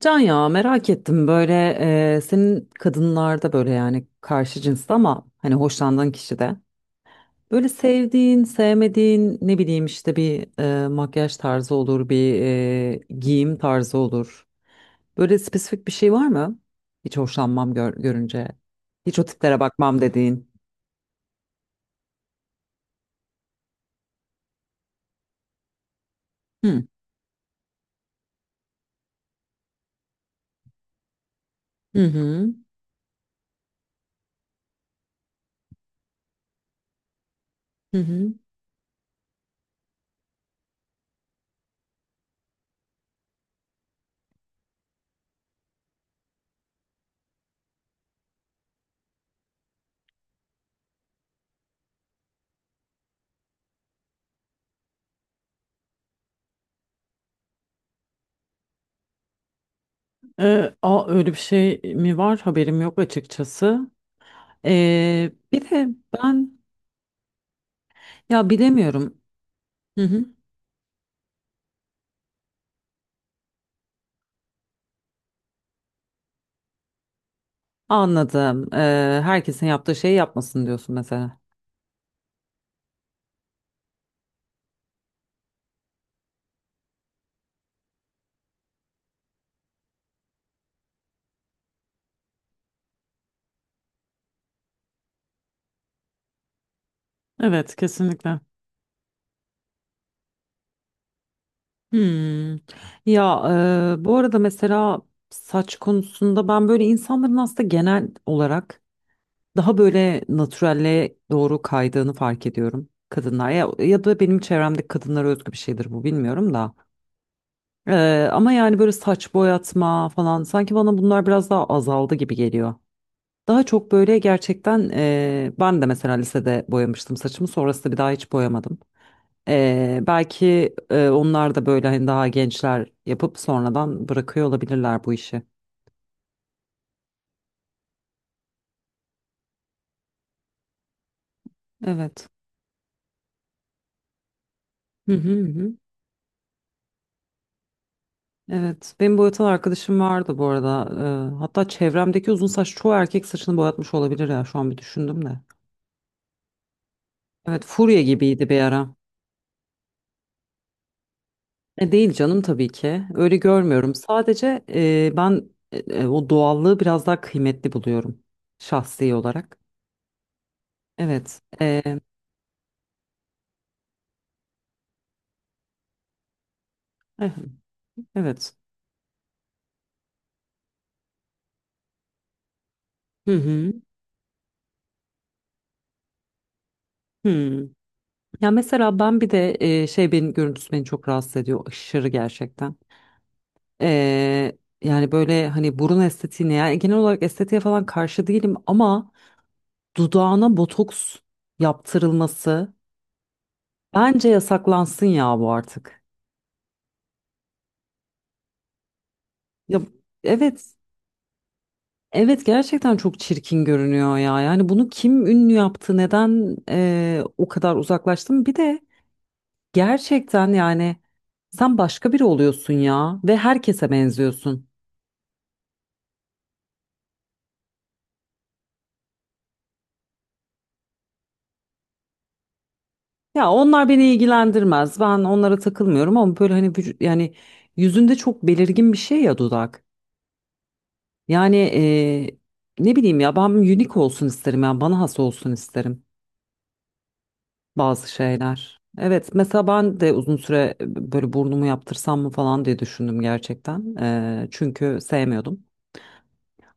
Can, ya merak ettim böyle, senin kadınlarda böyle, yani karşı cinste ama hani hoşlandığın kişide böyle sevdiğin sevmediğin, ne bileyim işte bir makyaj tarzı olur, bir giyim tarzı olur. Böyle spesifik bir şey var mı? Hiç hoşlanmam, görünce hiç o tiplere bakmam dediğin. Hı hı hı. Hı hı. Öyle bir şey mi var? Haberim yok açıkçası. Bir de ben, ya bilemiyorum. Anladım. Herkesin yaptığı şeyi yapmasın diyorsun mesela. Evet, kesinlikle. Hmm. Ya, bu arada mesela saç konusunda ben böyle insanların aslında genel olarak daha böyle natürelle doğru kaydığını fark ediyorum, kadınlar ya, ya da benim çevremdeki kadınlara özgü bir şeydir bu, bilmiyorum da. Ama yani böyle saç boyatma falan, sanki bana bunlar biraz daha azaldı gibi geliyor. Daha çok böyle gerçekten ben de mesela lisede boyamıştım saçımı. Sonrasında bir daha hiç boyamadım. Belki onlar da böyle hani daha gençler yapıp sonradan bırakıyor olabilirler bu işi. Evet. Hı hı hı. Evet. Benim boyatan arkadaşım vardı bu arada. Hatta çevremdeki uzun saç çoğu erkek saçını boyatmış olabilir ya, şu an bir düşündüm de. Evet, furya gibiydi bir ara. E, değil canım, tabii ki. Öyle görmüyorum. Sadece ben, o doğallığı biraz daha kıymetli buluyorum şahsi olarak. Evet. E, eh, evet. Hı hı. Hı. Ya mesela ben bir de şey, benim görüntüsü beni çok rahatsız ediyor aşırı gerçekten. E, Yani böyle hani burun estetiğine, yani genel olarak estetiğe falan karşı değilim ama dudağına botoks yaptırılması bence yasaklansın ya bu artık. Ya evet. Evet, gerçekten çok çirkin görünüyor ya. Yani bunu kim ünlü yaptı? Neden o kadar uzaklaştım? Bir de gerçekten yani, sen başka biri oluyorsun ya ve herkese benziyorsun. Ya onlar beni ilgilendirmez. Ben onlara takılmıyorum ama böyle hani yani yüzünde çok belirgin bir şey ya, dudak. Yani ne bileyim ya, ben unique olsun isterim, yani bana has olsun isterim bazı şeyler. Evet, mesela ben de uzun süre böyle burnumu yaptırsam mı falan diye düşündüm gerçekten. Çünkü sevmiyordum.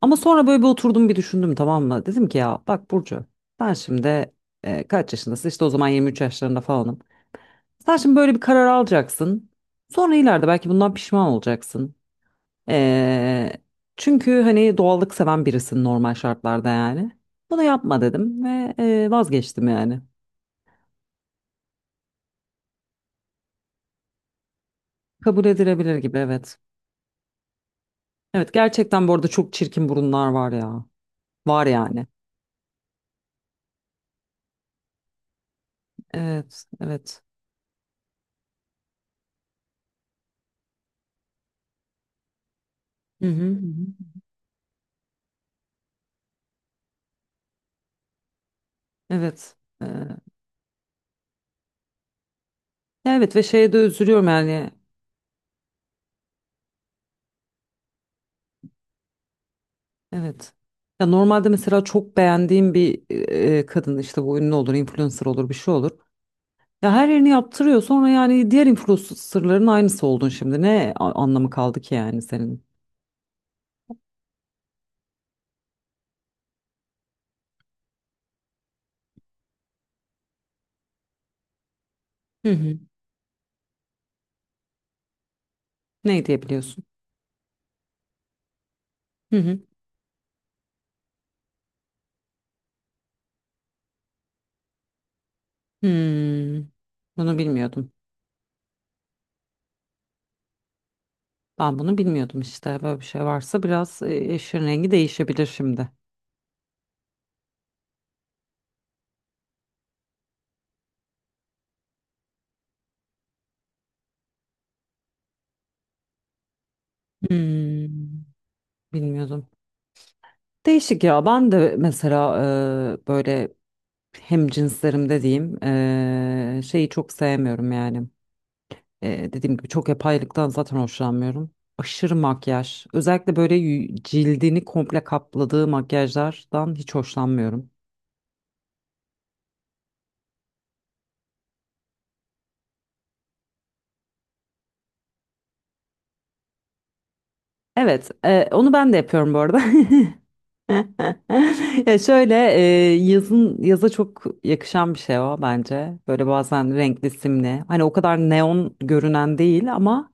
Ama sonra böyle bir oturdum, bir düşündüm, tamam mı? Dedim ki ya bak Burcu, ben şimdi, kaç yaşındasın? İşte o zaman 23 yaşlarında falanım. Sen şimdi böyle bir karar alacaksın. Sonra ileride belki bundan pişman olacaksın. Ee, Çünkü hani doğallık seven birisin normal şartlarda yani. Bunu yapma dedim ve vazgeçtim yani. Kabul edilebilir gibi, evet. Evet, gerçekten bu arada çok çirkin burunlar var ya. Var yani. Evet, evet. Hı hı. Hı hı. Evet. Ee, Ya evet, ve şeye de üzülüyorum yani. Evet. Ya normalde mesela çok beğendiğim bir kadın, işte bu ünlü olur, influencer olur, bir şey olur. Ya her yerini yaptırıyor. Sonra yani diğer influencerların aynısı oldun şimdi. Anlamı kaldı ki yani senin? Hı hı. Ne diyebiliyorsun? Hı hı. Hmm. Bunu bilmiyordum. Ben bunu bilmiyordum işte. Böyle bir şey varsa biraz işin rengi değişebilir şimdi. Hmm. Bilmiyordum. Değişik ya. Ben de mesela böyle hem cinslerimde diyeyim, şeyi çok sevmiyorum yani. E, dediğim gibi çok yapaylıktan zaten hoşlanmıyorum. Aşırı makyaj. Özellikle böyle cildini komple kapladığı makyajlardan hiç hoşlanmıyorum. Evet, onu ben de yapıyorum bu arada. Ya şöyle, yazın, yaza çok yakışan bir şey o bence. Böyle bazen renkli, simli. Hani o kadar neon görünen değil ama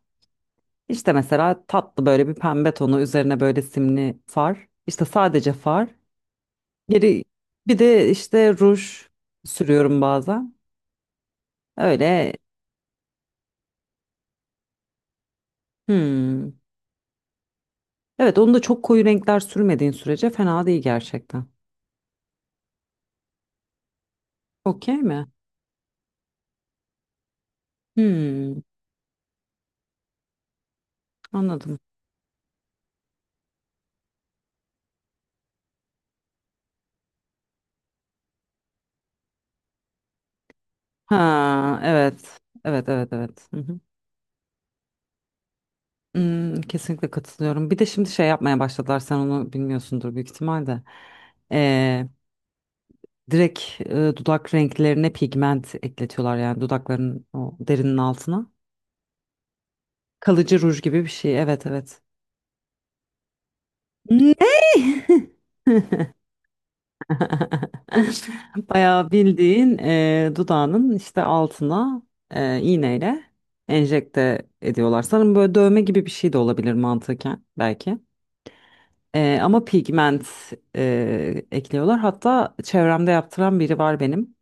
işte mesela tatlı böyle bir pembe tonu üzerine böyle simli far. İşte sadece far. Geri, bir de işte ruj sürüyorum bazen. Öyle. Hmm. Evet, onu da çok koyu renkler sürmediğin sürece fena değil gerçekten. Okey mi? Hmm, anladım. Ha evet. Evet, evet, evet. Hmm, kesinlikle katılıyorum. Bir de şimdi şey yapmaya başladılar. Sen onu bilmiyorsundur büyük ihtimalle. Ee, Direkt dudak renklerine pigment ekletiyorlar, yani dudakların o derinin altına. Kalıcı ruj gibi bir şey. Evet, evet. Ne? Bayağı bildiğin, dudağının işte altına iğneyle enjekte ediyorlar. Sanırım böyle dövme gibi bir şey de olabilir mantıken belki. Ama pigment ekliyorlar. Hatta çevremde yaptıran biri var benim.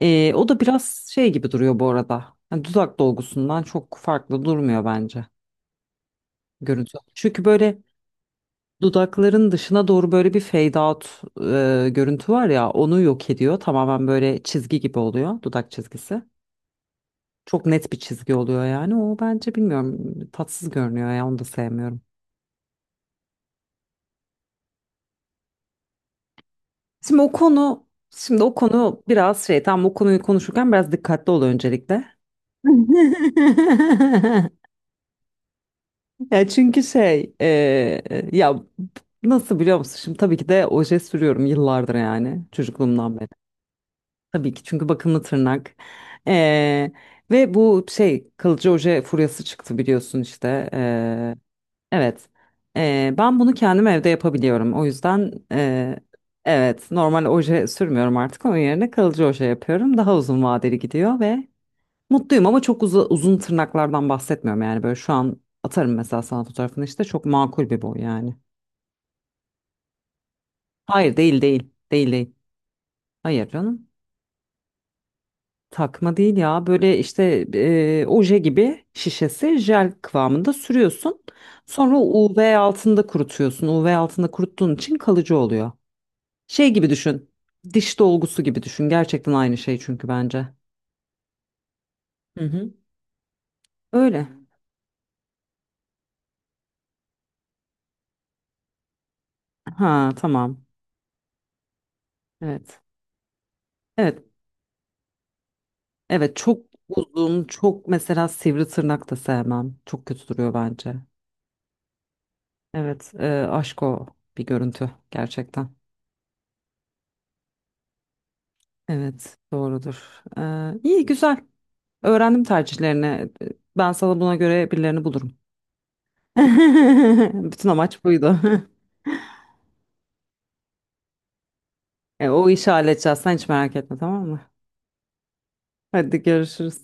O da biraz şey gibi duruyor bu arada. Yani dudak dolgusundan çok farklı durmuyor bence görüntü. Çünkü böyle dudakların dışına doğru böyle bir fade out görüntü var ya, onu yok ediyor. Tamamen böyle çizgi gibi oluyor, dudak çizgisi. Çok net bir çizgi oluyor yani. O bence, bilmiyorum, tatsız görünüyor ya, onu da sevmiyorum. Şimdi o konu Şimdi o konu biraz şey, tam o konuyu konuşurken biraz dikkatli ol öncelikle. Ya çünkü şey, ya, nasıl biliyor musun? Şimdi tabii ki de oje sürüyorum yıllardır, yani çocukluğumdan beri. Tabii ki, çünkü bakımlı tırnak. E, ve bu şey, kalıcı oje furyası çıktı biliyorsun işte. Evet. Ben bunu kendim evde yapabiliyorum. O yüzden evet, normal oje sürmüyorum artık. Onun yerine kalıcı oje yapıyorum. Daha uzun vadeli gidiyor ve mutluyum, ama çok uzun tırnaklardan bahsetmiyorum. Yani böyle şu an atarım mesela sana fotoğrafını, işte çok makul bir boy yani. Hayır, değil, değil. Değil değil. Hayır canım. Takma değil ya. Böyle işte oje gibi şişesi, jel kıvamında sürüyorsun. Sonra UV altında kurutuyorsun. UV altında kuruttuğun için kalıcı oluyor. Şey gibi düşün. Diş dolgusu gibi düşün. Gerçekten aynı şey çünkü bence. Hı hı. Öyle. Ha tamam. Evet. Evet. Evet, çok uzun, çok mesela sivri tırnak da sevmem. Çok kötü duruyor bence. Evet. E, aşk o bir görüntü gerçekten. Evet, doğrudur. E, iyi güzel. Öğrendim tercihlerini. E, ben sana buna göre birilerini bulurum. Bütün amaç buydu. E, o işi halledeceğiz. Sen hiç merak etme, tamam mı? Hadi görüşürüz.